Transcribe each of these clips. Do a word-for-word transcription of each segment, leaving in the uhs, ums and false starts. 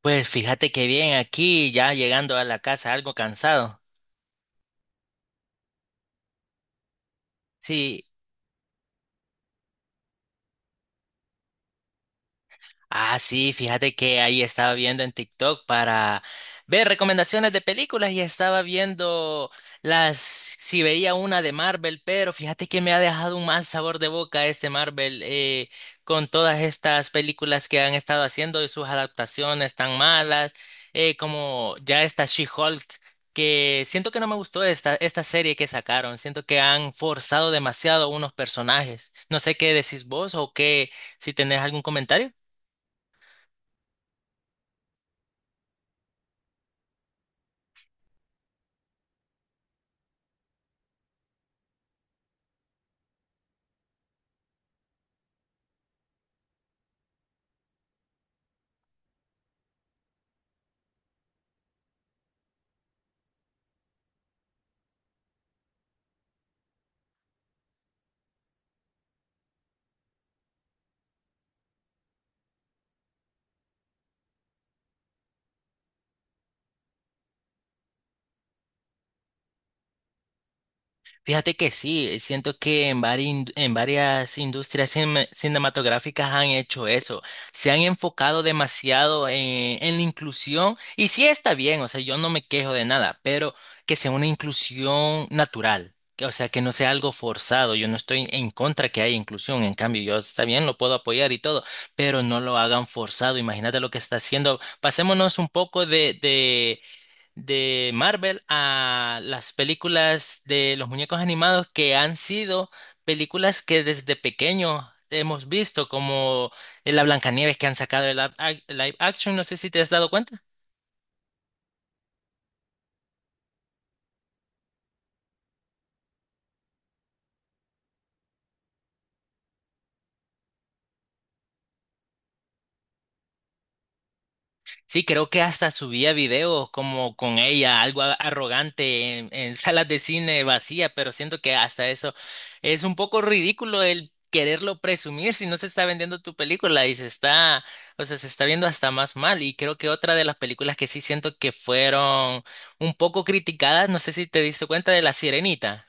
Pues fíjate que bien aquí, ya llegando a la casa algo cansado. Sí. Ah, sí, fíjate que ahí estaba viendo en TikTok para ver recomendaciones de películas y estaba viendo las, si veía una de Marvel, pero fíjate que me ha dejado un mal sabor de boca este Marvel eh, con todas estas películas que han estado haciendo y sus adaptaciones tan malas, eh, como ya esta She-Hulk, que siento que no me gustó esta, esta serie que sacaron, siento que han forzado demasiado unos personajes. No sé qué decís vos o qué, si tenés algún comentario. Fíjate que sí, siento que en, vari- en varias industrias cine- cinematográficas han hecho eso, se han enfocado demasiado en, en la inclusión y sí está bien, o sea, yo no me quejo de nada, pero que sea una inclusión natural, que- o sea, que no sea algo forzado, yo no estoy en contra que haya inclusión, en cambio, yo está bien, lo puedo apoyar y todo, pero no lo hagan forzado, imagínate lo que está haciendo, pasémonos un poco de Marvel a las películas de los muñecos animados que han sido películas que desde pequeño hemos visto, como la Blancanieves que han sacado el live live action, no sé si te has dado cuenta. Sí, creo que hasta subía videos como con ella, algo a- arrogante en, en salas de cine vacía, pero siento que hasta eso es un poco ridículo el quererlo presumir si no se está vendiendo tu película y se está, o sea, se está viendo hasta más mal. Y creo que otra de las películas que sí siento que fueron un poco criticadas, no sé si te diste cuenta de La Sirenita,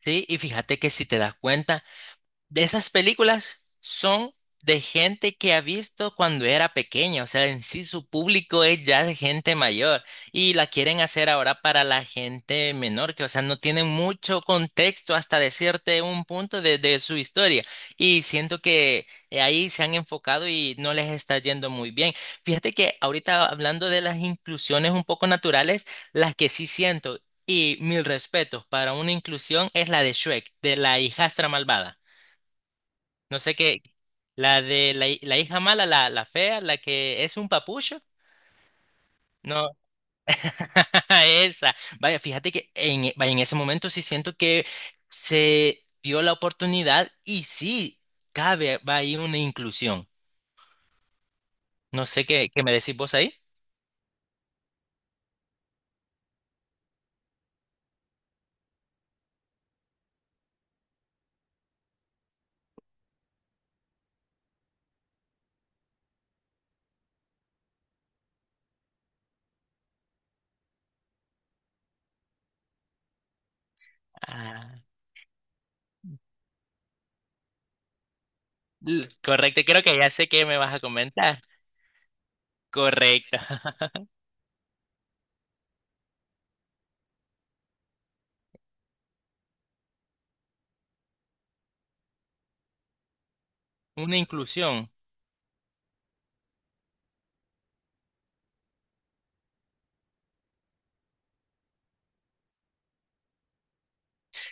¿sí? Y fíjate que si te das cuenta de esas películas son de gente que ha visto cuando era pequeña, o sea, en sí su público es ya de gente mayor y la quieren hacer ahora para la gente menor, que o sea, no tienen mucho contexto hasta decirte un punto de, de su historia y siento que eh, ahí se han enfocado y no les está yendo muy bien. Fíjate que ahorita hablando de las inclusiones un poco naturales, las que sí siento y mil respetos para una inclusión es la de Shrek, de la hijastra malvada. No sé qué. La de la, hi- la hija mala, la, la fea, la que es un papucho. No, esa. Vaya, fíjate que en, e- vaya, en ese momento sí siento que se dio la oportunidad y sí cabe, va ahí una inclusión. No sé qué, qué me decís vos ahí. Ah, l- correcto, creo que ya sé qué me vas a comentar. Correcto, una inclusión.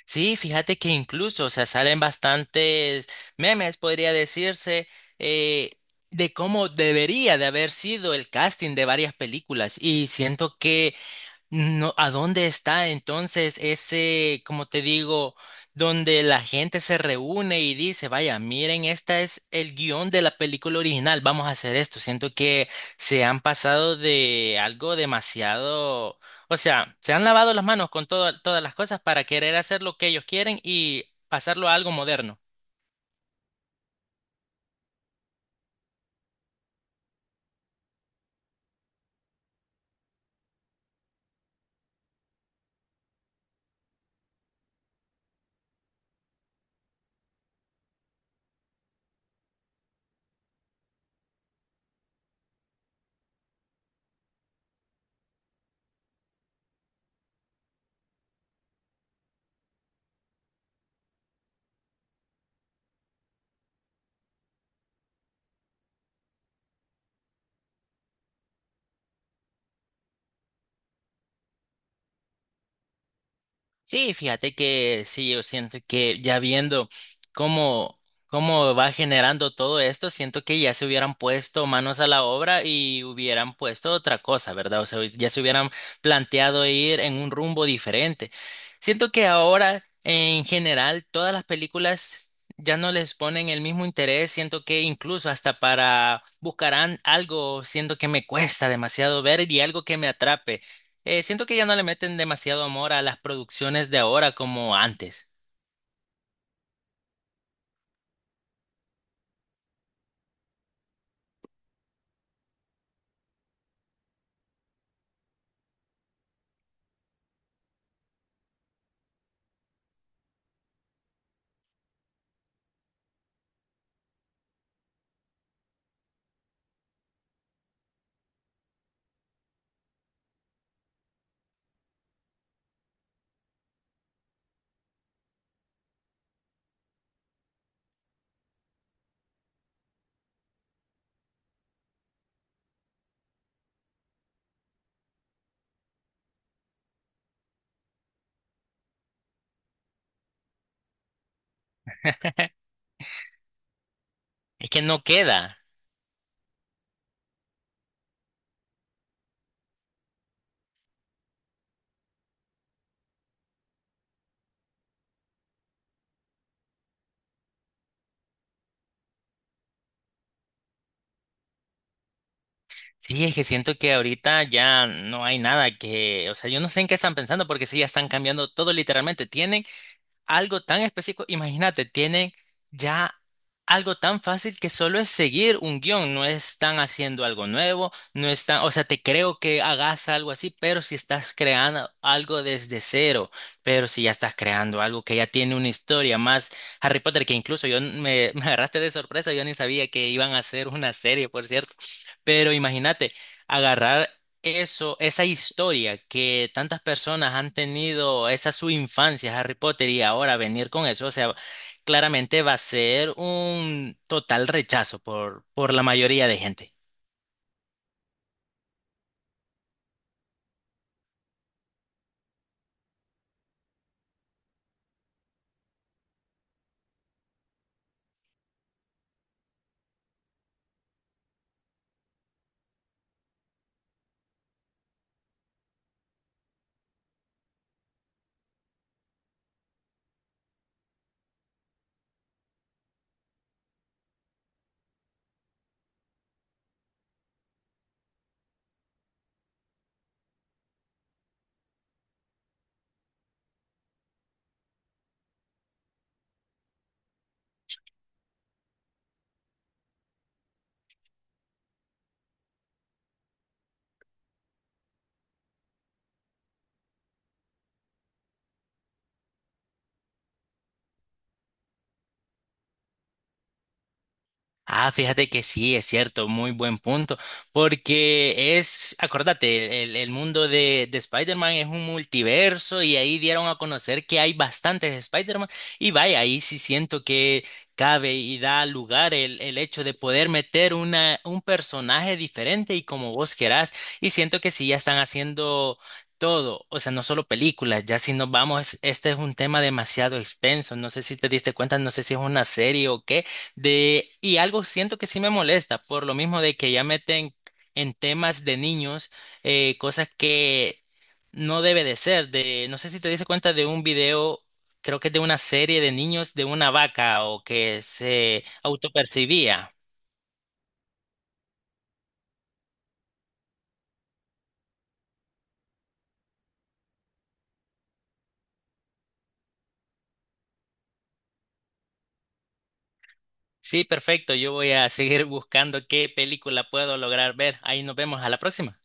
Sí, fíjate que incluso, o sea, salen bastantes memes, podría decirse, eh, de cómo debería de haber sido el casting de varias películas. Y siento que no, ¿a dónde está entonces ese, como te digo, donde la gente se reúne y dice, vaya, miren, esta es el guión de la película original, vamos a hacer esto? Siento que se han pasado de algo demasiado, o sea, se han lavado las manos con todo- todas las cosas para querer hacer lo que ellos quieren y pasarlo a algo moderno. Sí, fíjate que sí, yo siento que ya viendo cómo, cómo va generando todo esto, siento que ya se hubieran puesto manos a la obra y hubieran puesto otra cosa, ¿verdad? O sea, ya se hubieran planteado ir en un rumbo diferente. Siento que ahora, en general, todas las películas ya no les ponen el mismo interés, siento que incluso hasta para buscarán algo, siento que me cuesta demasiado ver y algo que me atrape. Eh, siento que ya no le meten demasiado amor a las producciones de ahora como antes. Es que no queda. Sí, es que siento que ahorita ya no hay nada que, o sea, yo no sé en qué están pensando porque sí, ya están cambiando todo literalmente. Tienen algo tan específico. Imagínate, tienen ya algo tan fácil que solo es seguir un guión. No están haciendo algo nuevo, no están, o sea, te creo que hagas algo así, pero si estás creando algo desde cero, pero si ya estás creando algo que ya tiene una historia más Harry Potter, que incluso yo n- me, me agarraste de sorpresa, yo ni sabía que iban a hacer una serie, por cierto. Pero imagínate, agarrar eso, esa historia que tantas personas han tenido, esa su infancia, Harry Potter, y ahora venir con eso, o sea, claramente va a ser un total rechazo por, por la mayoría de gente. Ah, fíjate que sí, es cierto, muy buen punto, porque es, acordate, el, el mundo de, de Spider-Man es un multiverso y ahí dieron a conocer que hay bastantes Spider-Man y vaya, ahí sí siento que cabe y da lugar el, el hecho de poder meter una, un personaje diferente y como vos querás y siento que sí, ya están haciendo... Todo, o sea, no solo películas, ya si nos vamos, este es un tema demasiado extenso, no sé si te diste cuenta, no sé si es una serie o qué, de, y algo siento que sí me molesta, por lo mismo de que ya meten en temas de niños eh, cosas que no debe de ser. De, no sé si te diste cuenta de un video, creo que es de una serie de niños de una vaca o que se autopercibía. Sí, perfecto, yo voy a seguir buscando qué película puedo lograr ver. Ahí nos vemos a la próxima.